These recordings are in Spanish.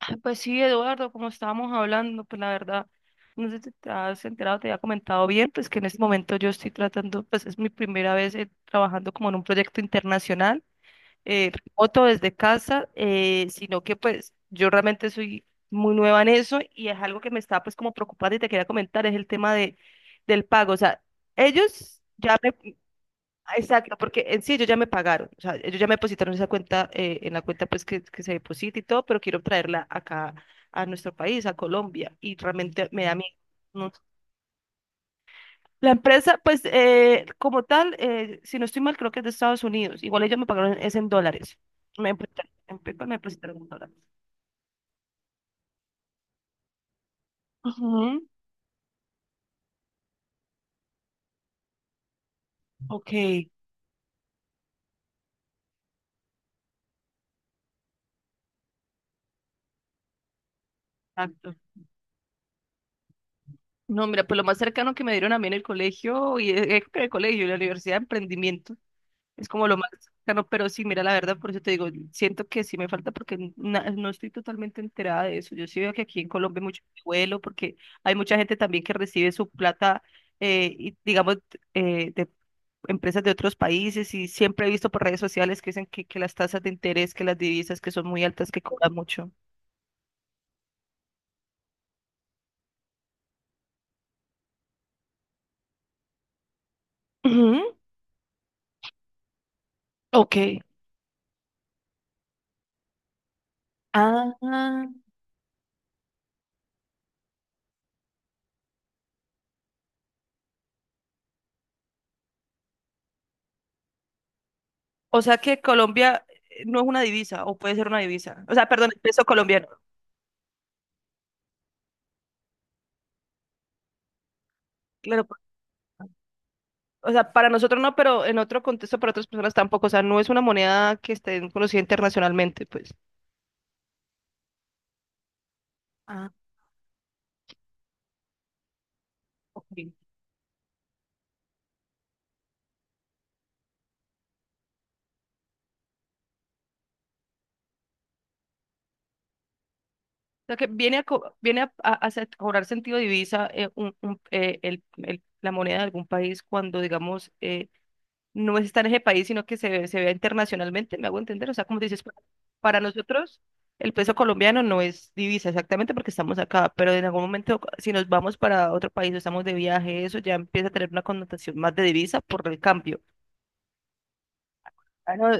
Ah, pues sí, Eduardo, como estábamos hablando, pues la verdad, no sé si te has enterado, te había comentado bien, pues que en este momento yo estoy tratando, pues es mi primera vez, trabajando como en un proyecto internacional, eh, remoto desde casa, sino que pues yo realmente soy muy nueva en eso y es algo que me está pues como preocupando y te quería comentar, es el tema de, del pago. O sea, ellos ya exacto, porque en sí ellos ya me pagaron, o sea, ellos ya me depositaron esa cuenta, en la cuenta pues que se deposita y todo, pero quiero traerla acá a nuestro país, a Colombia, y realmente me da miedo. ¿No? La empresa, pues como tal, si no estoy mal, creo que es de Estados Unidos, igual ellos me pagaron es en dólares, me depositaron, en PayPal me depositaron en dólares. Ujú, ok, exacto. No, mira, pues lo más cercano que me dieron a mí en el colegio, y creo que en el colegio, en la universidad de emprendimiento, es como lo más cercano, pero sí, mira, la verdad, por eso te digo, siento que sí me falta porque no estoy totalmente enterada de eso. Yo sí veo que aquí en Colombia hay mucho vuelo, porque hay mucha gente también que recibe su plata, y, digamos, de empresas de otros países y siempre he visto por redes sociales que dicen que las tasas de interés, que las divisas que son muy altas, que cobran mucho. Ujú, ok. Ah, o sea que Colombia no es una divisa, o puede ser una divisa. O sea, perdón, el peso colombiano. Claro, o sea, para nosotros no, pero en otro contexto para otras personas tampoco. O sea, no es una moneda que esté conocida internacionalmente, pues. Ah, ok. O sea, que viene a, cobrar sentido divisa, la moneda de algún país cuando, digamos, no está en ese país, sino que se vea internacionalmente, ¿me hago entender? O sea, como dices, para nosotros el peso colombiano no es divisa exactamente porque estamos acá, pero en algún momento si nos vamos para otro país o estamos de viaje, eso ya empieza a tener una connotación más de divisa por el cambio. Ah, no,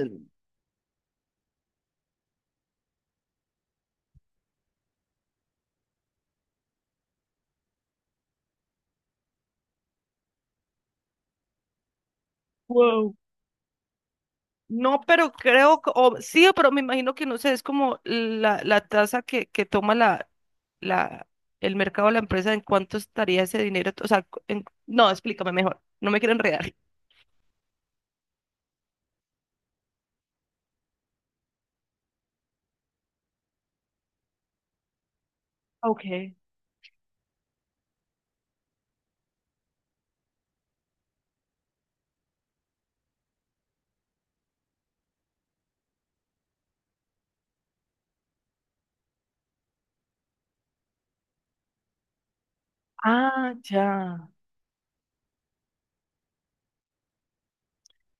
wow. No, pero creo, o, sí, pero me imagino que no sé, es como la tasa que toma la, el mercado, la empresa, en cuánto estaría ese dinero. O sea, no, explícame mejor, no me quiero enredar. Okay. Ah, ya.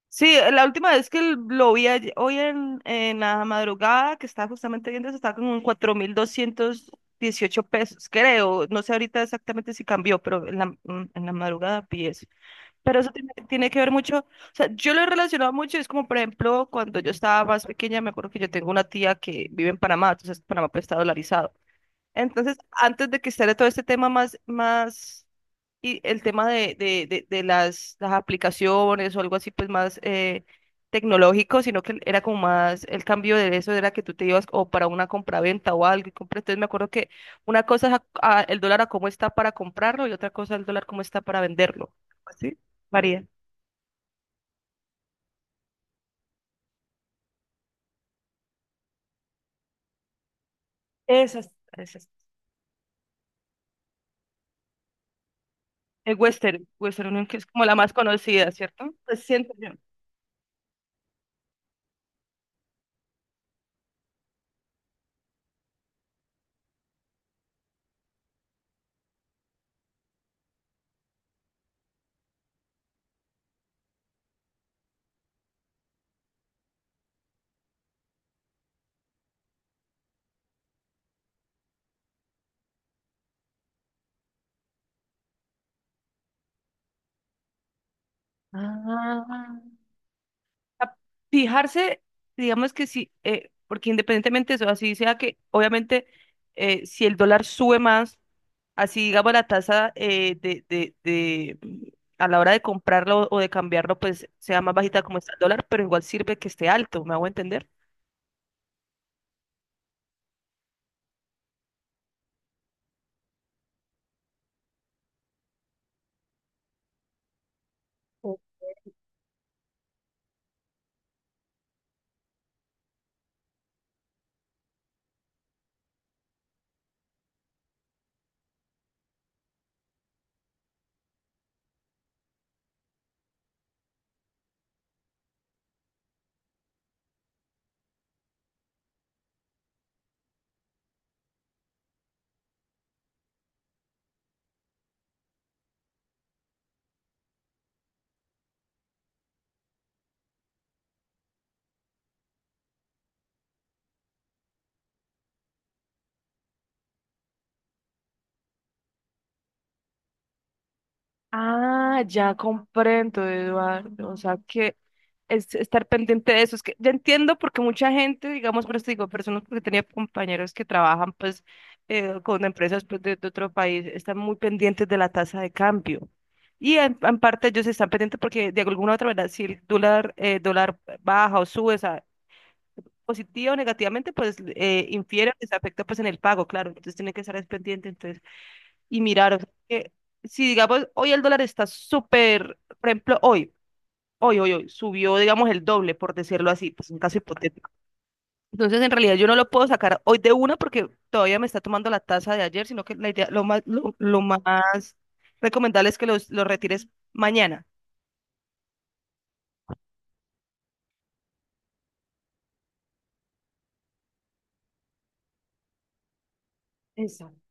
Sí, la última vez que lo vi ayer, hoy en la madrugada, que estaba justamente viendo eso, estaba como en 4.218 pesos, creo. No sé ahorita exactamente si cambió, pero en la madrugada vi eso. Pero eso tiene, tiene que ver mucho, o sea, yo lo he relacionado mucho, es como por ejemplo cuando yo estaba más pequeña, me acuerdo que yo tengo una tía que vive en Panamá, entonces Panamá pues está dolarizado. Entonces, antes de que esté todo este tema y el tema de las aplicaciones o algo así, pues más tecnológico, sino que era como más, el cambio de eso era que tú te ibas o para una compraventa o algo y compras. Entonces me acuerdo que una cosa es el dólar a cómo está para comprarlo y otra cosa el dólar cómo está para venderlo. ¿Así? María, esas, esas. El Western, Western Union, que es como la más conocida, ¿cierto? Pues siento yo. Ah, a fijarse, digamos que sí, porque independientemente de eso, así sea que obviamente si el dólar sube más, así digamos la tasa a la hora de comprarlo o de cambiarlo, pues sea más bajita como está el dólar, pero igual sirve que esté alto, ¿me hago entender? Ah, ya comprendo, Eduardo. O sea, que es estar pendiente de eso. Es que ya entiendo porque mucha gente, digamos, por eso digo, personas porque tenía compañeros que trabajan pues con empresas pues, de otro país, están muy pendientes de la tasa de cambio. Y en parte ellos están pendientes porque de alguna u otra manera, si el dólar, dólar baja o sube, o sea, positiva o negativamente, pues infiere, les afecta pues en el pago, claro. Entonces tienen que estar pendientes y mirar, o sea, que si digamos, hoy el dólar está súper, por ejemplo, subió, digamos, el doble, por decirlo así, pues un caso hipotético. Entonces, en realidad, yo no lo puedo sacar hoy de una porque todavía me está tomando la tasa de ayer, sino que la idea, lo más recomendable es que los retires mañana. Exacto.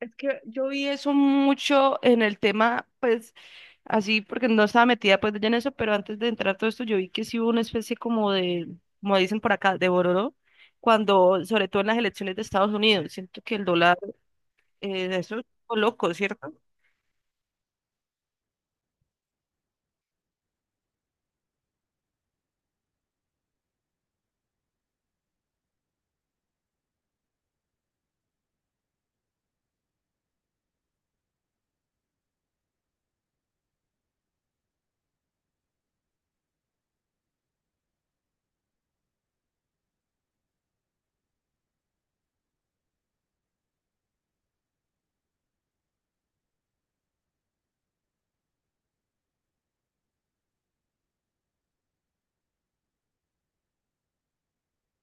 Es que yo vi eso mucho en el tema, pues, así porque no estaba metida pues ya en eso, pero antes de entrar todo esto yo vi que sí hubo una especie como de, como dicen por acá, de bororo, cuando, sobre todo en las elecciones de Estados Unidos, siento que el dólar, eso es loco, ¿cierto?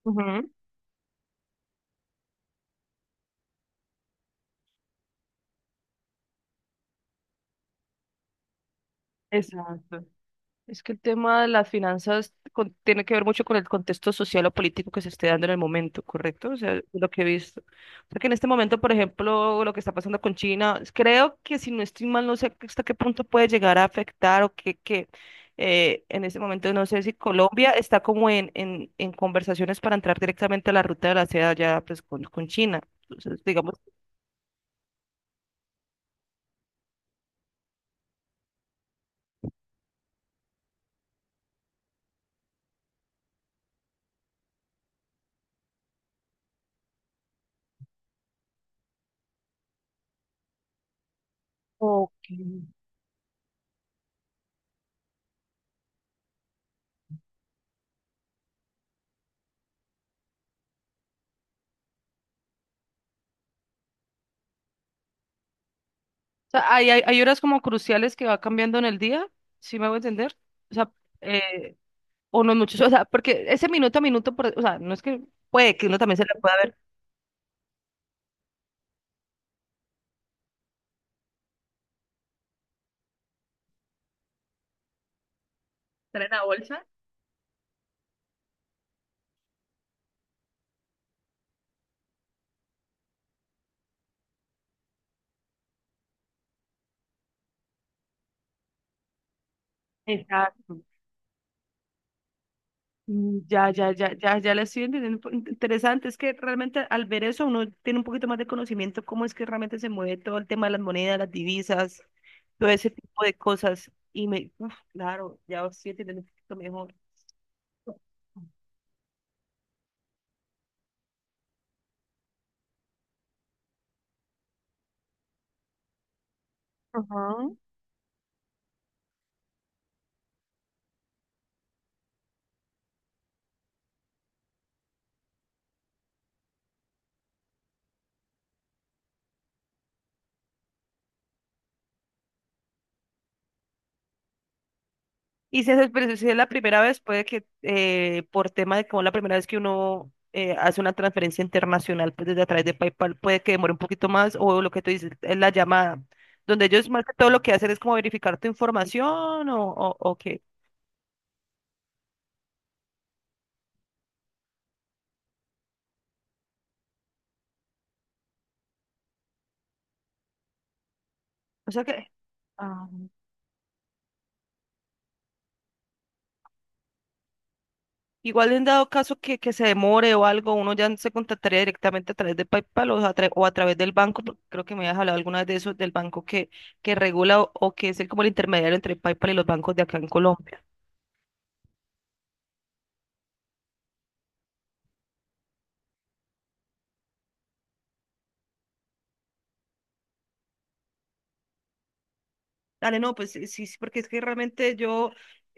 Ujú, exacto. Es que el tema de las finanzas tiene que ver mucho con el contexto social o político que se esté dando en el momento, ¿correcto? O sea, lo que he visto. Porque en este momento, por ejemplo, lo que está pasando con China, creo que si no estoy mal, no sé hasta qué punto puede llegar a afectar o que en este momento no sé si Colombia está como en, en conversaciones para entrar directamente a la ruta de la seda ya pues con China. Entonces, digamos, ok. O sea, hay horas como cruciales que va cambiando en el día, ¿sí me voy a entender? O sea, o los muchachos, o sea, porque ese minuto a minuto, o sea, no es que puede que uno también se la pueda ver. Traen la bolsa. Exacto. Ya, ya, ya, ya, ya la estoy entendiendo. Interesante, es que realmente al ver eso uno tiene un poquito más de conocimiento cómo es que realmente se mueve todo el tema de las monedas, las divisas, todo ese tipo de cosas. Y me, uf, claro, ya estoy entendiendo un poquito mejor. Ajá. Y si es, pero si es la primera vez, puede que por tema de como la primera vez que uno hace una transferencia internacional pues desde a través de PayPal, puede que demore un poquito más o lo que tú dices es la llamada, donde ellos más que todo lo que hacen es como verificar tu información o qué. O sea que ah, igual en dado caso que se demore o algo, uno ya se contactaría directamente a través de PayPal o a, o a través del banco, porque creo que me habías hablado alguna vez de eso, del banco que regula o que es el, como el intermediario entre PayPal y los bancos de acá en Colombia. Dale, no, pues sí, sí, sí, porque es que realmente yo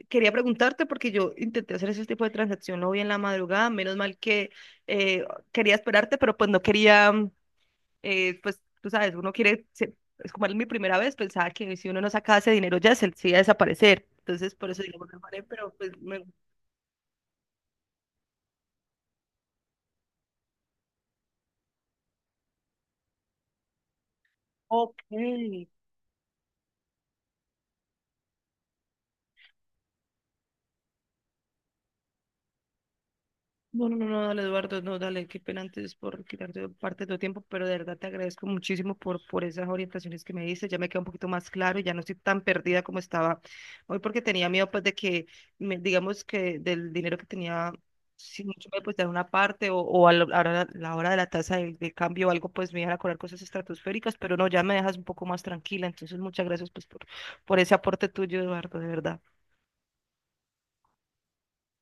quería preguntarte porque yo intenté hacer ese tipo de transacción hoy en la madrugada, menos mal que eh, quería esperarte, pero pues no quería, pues tú sabes, uno quiere, es como era mi primera vez, pensaba que si uno no sacaba ese dinero ya se iba a desaparecer, entonces por eso digo, bueno, vale, pero pues, me, ok, no, no, no, no, dale, Eduardo, no, dale, qué pena antes por quitarte parte de tu tiempo, pero de verdad te agradezco muchísimo por esas orientaciones que me diste, ya me queda un poquito más claro, ya no estoy tan perdida como estaba hoy porque tenía miedo pues de que, digamos que del dinero que tenía, si mucho me pues dar una parte o a la la hora de la tasa de cambio o algo, pues me iban a cobrar cosas estratosféricas, pero no, ya me dejas un poco más tranquila, entonces muchas gracias pues por ese aporte tuyo, Eduardo, de verdad.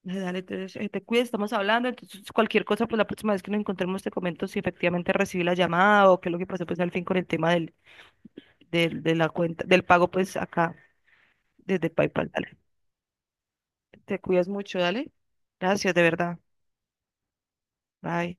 Dale, dale, entonces te cuides, estamos hablando, entonces cualquier cosa, pues la próxima vez que nos encontremos te comento si efectivamente recibí la llamada o qué es lo que pasó pues al fin con el tema de la cuenta, del pago pues acá desde PayPal, dale. Te cuidas mucho, dale. Gracias, de verdad. Bye.